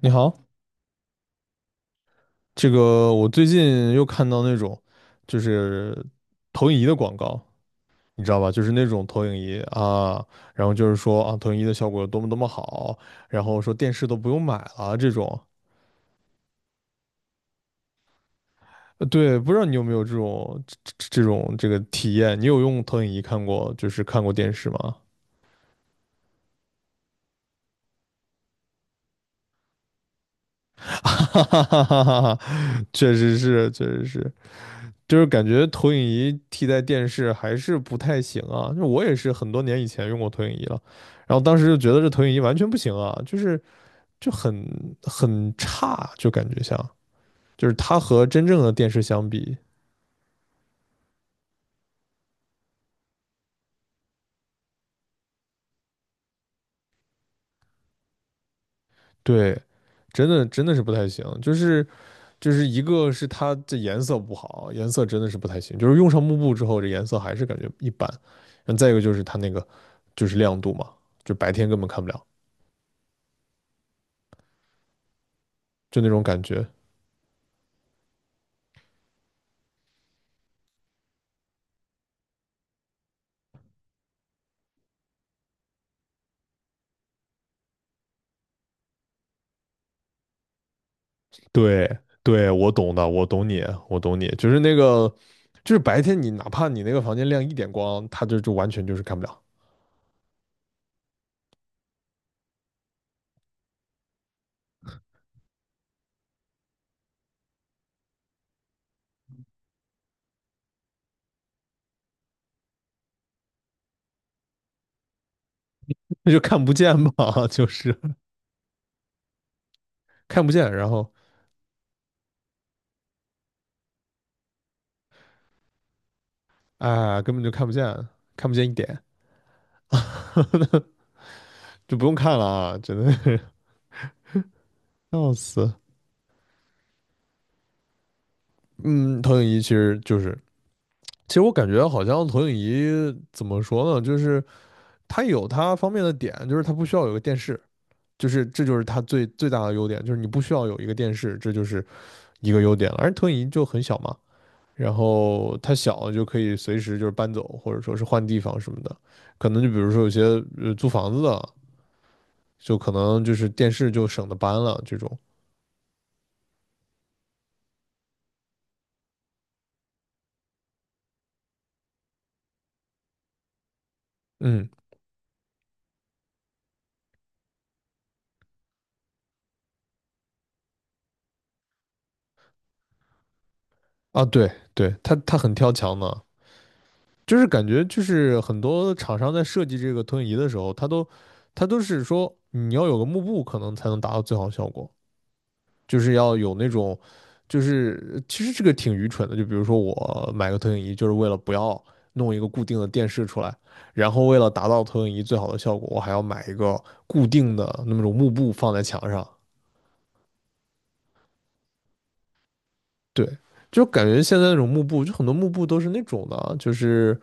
你好，这个我最近又看到那种就是投影仪的广告，你知道吧？就是那种投影仪啊，然后就是说啊，投影仪的效果有多么多么好，然后说电视都不用买了这种。对，不知道你有没有这种这个体验？你有用投影仪看过，就是看过电视吗？哈哈哈哈哈哈，确实是，确实是。就是感觉投影仪替代电视还是不太行啊。就我也是很多年以前用过投影仪了，然后当时就觉得这投影仪完全不行啊，就是就很差，就感觉像就是它和真正的电视相比，对，真的真的是不太行。就是一个是它这颜色不好，颜色真的是不太行。就是用上幕布之后，这颜色还是感觉一般。然后再一个就是它那个就是亮度嘛，就白天根本看不了，就那种感觉。对对，我懂的，我懂你，我懂你，就是那个，就是白天你哪怕你那个房间亮一点光，它就完全就是看不了，那就看不见嘛，就是看不见，然后啊、根本就看不见，看不见一点，就不用看了啊，真的是笑死。嗯，投影仪其实就是，其实我感觉好像投影仪怎么说呢，就是它有它方便的点，就是它不需要有个电视。就是这就是它最最大的优点，就是你不需要有一个电视，这就是一个优点了。而投影仪就很小嘛，然后它小就可以随时就是搬走，或者说是换地方什么的。可能就比如说有些租房子的，就可能就是电视就省得搬了这种。嗯啊，对对，它很挑墙的，就是感觉就是很多厂商在设计这个投影仪的时候，它都是说你要有个幕布可能才能达到最好效果。就是要有那种，就是其实这个挺愚蠢的。就比如说我买个投影仪，就是为了不要弄一个固定的电视出来，然后为了达到投影仪最好的效果，我还要买一个固定的那么种幕布放在墙上。对，就感觉现在那种幕布，就很多幕布都是那种的啊就是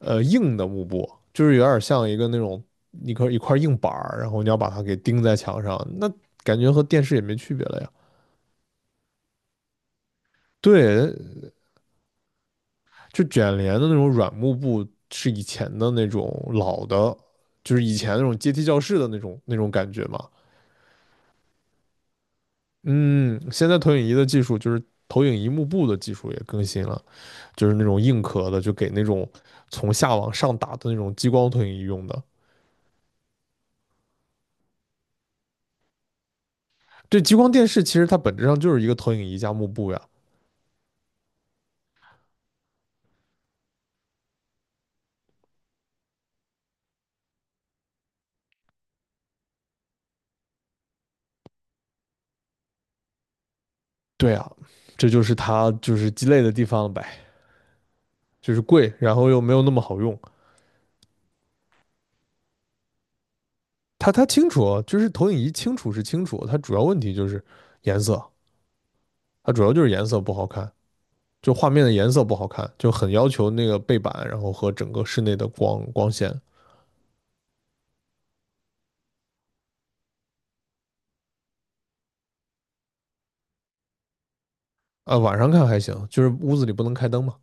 硬的幕布，就是有点像一个那种一块一块硬板儿，然后你要把它给钉在墙上，那感觉和电视也没区别了呀。对，就卷帘的那种软幕布是以前的那种老的，就是以前那种阶梯教室的那种感觉嘛。嗯，现在投影仪的技术就是投影仪幕布的技术也更新了，就是那种硬壳的，就给那种从下往上打的那种激光投影仪用的。对，激光电视其实它本质上就是一个投影仪加幕布呀。对啊，这就是它就是鸡肋的地方呗，就是贵，然后又没有那么好用。它清楚哦，就是投影仪清楚是清楚，它主要问题就是颜色。它主要就是颜色不好看，就画面的颜色不好看，就很要求那个背板，然后和整个室内的光线。啊，晚上看还行，就是屋子里不能开灯嘛，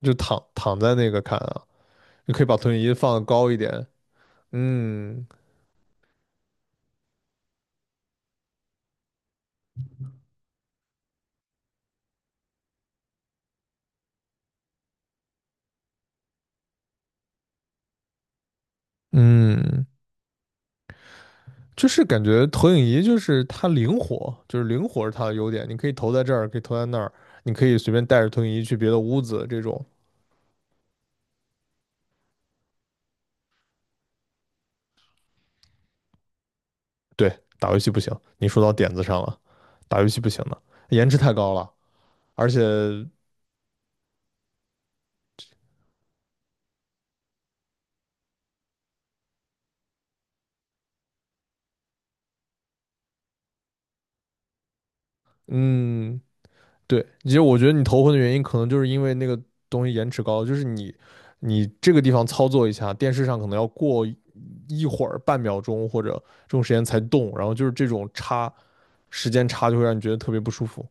就躺在那个看啊，你可以把投影仪放高一点，嗯嗯，就是感觉投影仪就是它灵活，就是灵活是它的优点，你可以投在这儿，可以投在那儿，你可以随便带着投影仪去别的屋子，这种对打游戏不行，你说到点子上了，打游戏不行的，颜值太高了，而且嗯，对，其实我觉得你头昏的原因，可能就是因为那个东西延迟高，就是你这个地方操作一下，电视上可能要过一会儿半秒钟或者这种时间才动，然后就是这种时间差就会让你觉得特别不舒服。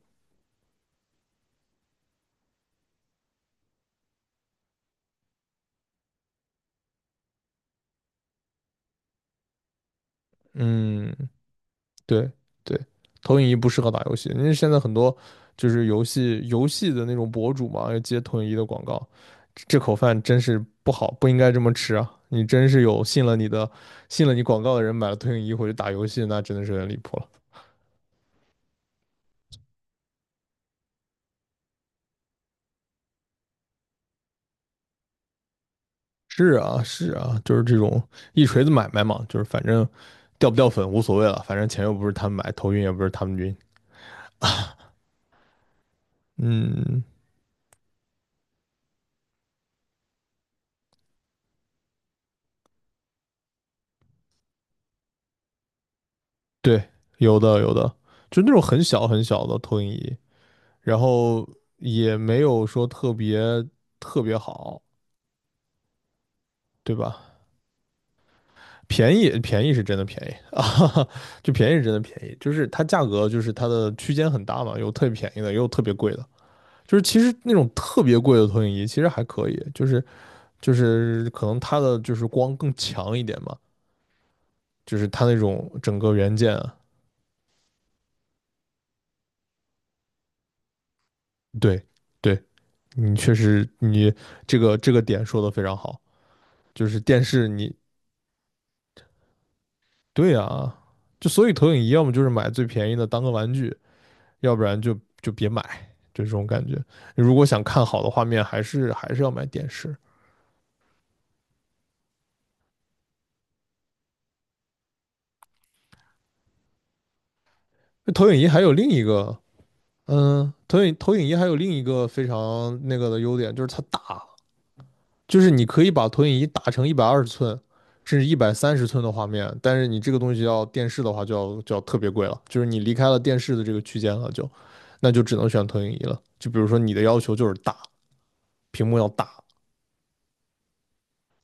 嗯，对对，投影仪不适合打游戏，因为现在很多就是游戏的那种博主嘛，要接投影仪的广告，这口饭真是不好，不应该这么吃啊！你真是有信了你的，信了你广告的人买了投影仪回去打游戏，那真的是有点离谱了。是啊，是啊，就是这种一锤子买卖嘛，就是反正掉不掉粉无所谓了，反正钱又不是他们买，头晕也不是他们晕。嗯，对，有的有的，就那种很小很小的投影仪。然后也没有说特别特别好，对吧？便宜便宜是真的便宜啊，就便宜是真的便宜，就是它价格就是它的区间很大嘛，有特别便宜的，也有特别贵的。就是其实那种特别贵的投影仪其实还可以，就是可能它的就是光更强一点嘛，就是它那种整个元件啊，对对，你确实你这个点说的非常好，就是电视你对啊，就所以投影仪要么就是买最便宜的当个玩具，要不然就别买，就这种感觉。如果想看好的画面，还是要买电视。那投影仪还有另一个，投影仪还有另一个非常那个的优点，就是它大，就是你可以把投影仪打成一百二十寸。甚至一百三十寸的画面，但是你这个东西要电视的话，就要特别贵了，就是你离开了电视的这个区间了，就，那就只能选投影仪了。就比如说你的要求就是大，屏幕要大，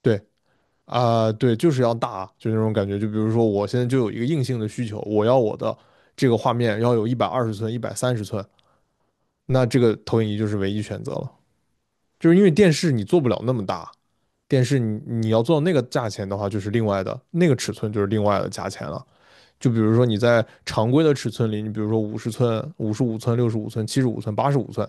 对，啊、对，就是要大，就那种感觉。就比如说，我现在就有一个硬性的需求，我要我的这个画面要有一百二十寸、一百三十寸，那这个投影仪就是唯一选择了。就是因为电视你做不了那么大，电视你要做到那个价钱的话，就是另外的那个尺寸就是另外的价钱了。就比如说你在常规的尺寸里，你比如说50寸、55寸、65寸、75寸、85寸，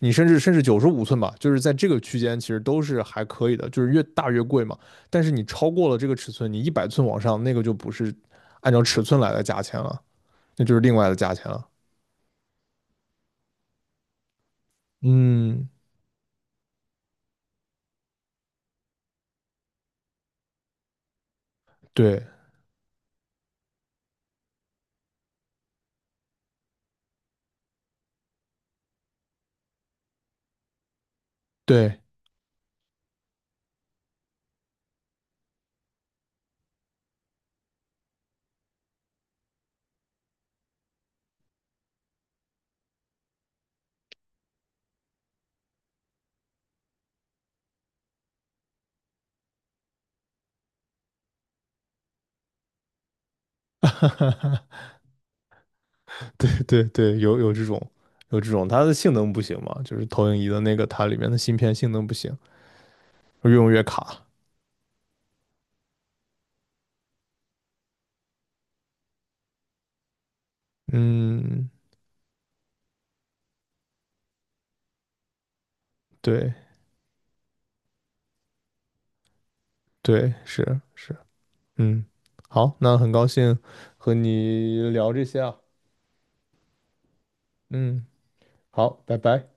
你甚至95寸吧，就是在这个区间其实都是还可以的，就是越大越贵嘛。但是你超过了这个尺寸，你100寸往上那个就不是按照尺寸来的价钱了，那就是另外的价钱了。嗯，对对对对对，有这种有这种，它的性能不行嘛，就是投影仪的那个它里面的芯片性能不行，越用越卡。嗯，对对是是，嗯，好，那很高兴和你聊这些啊，嗯，好，拜拜。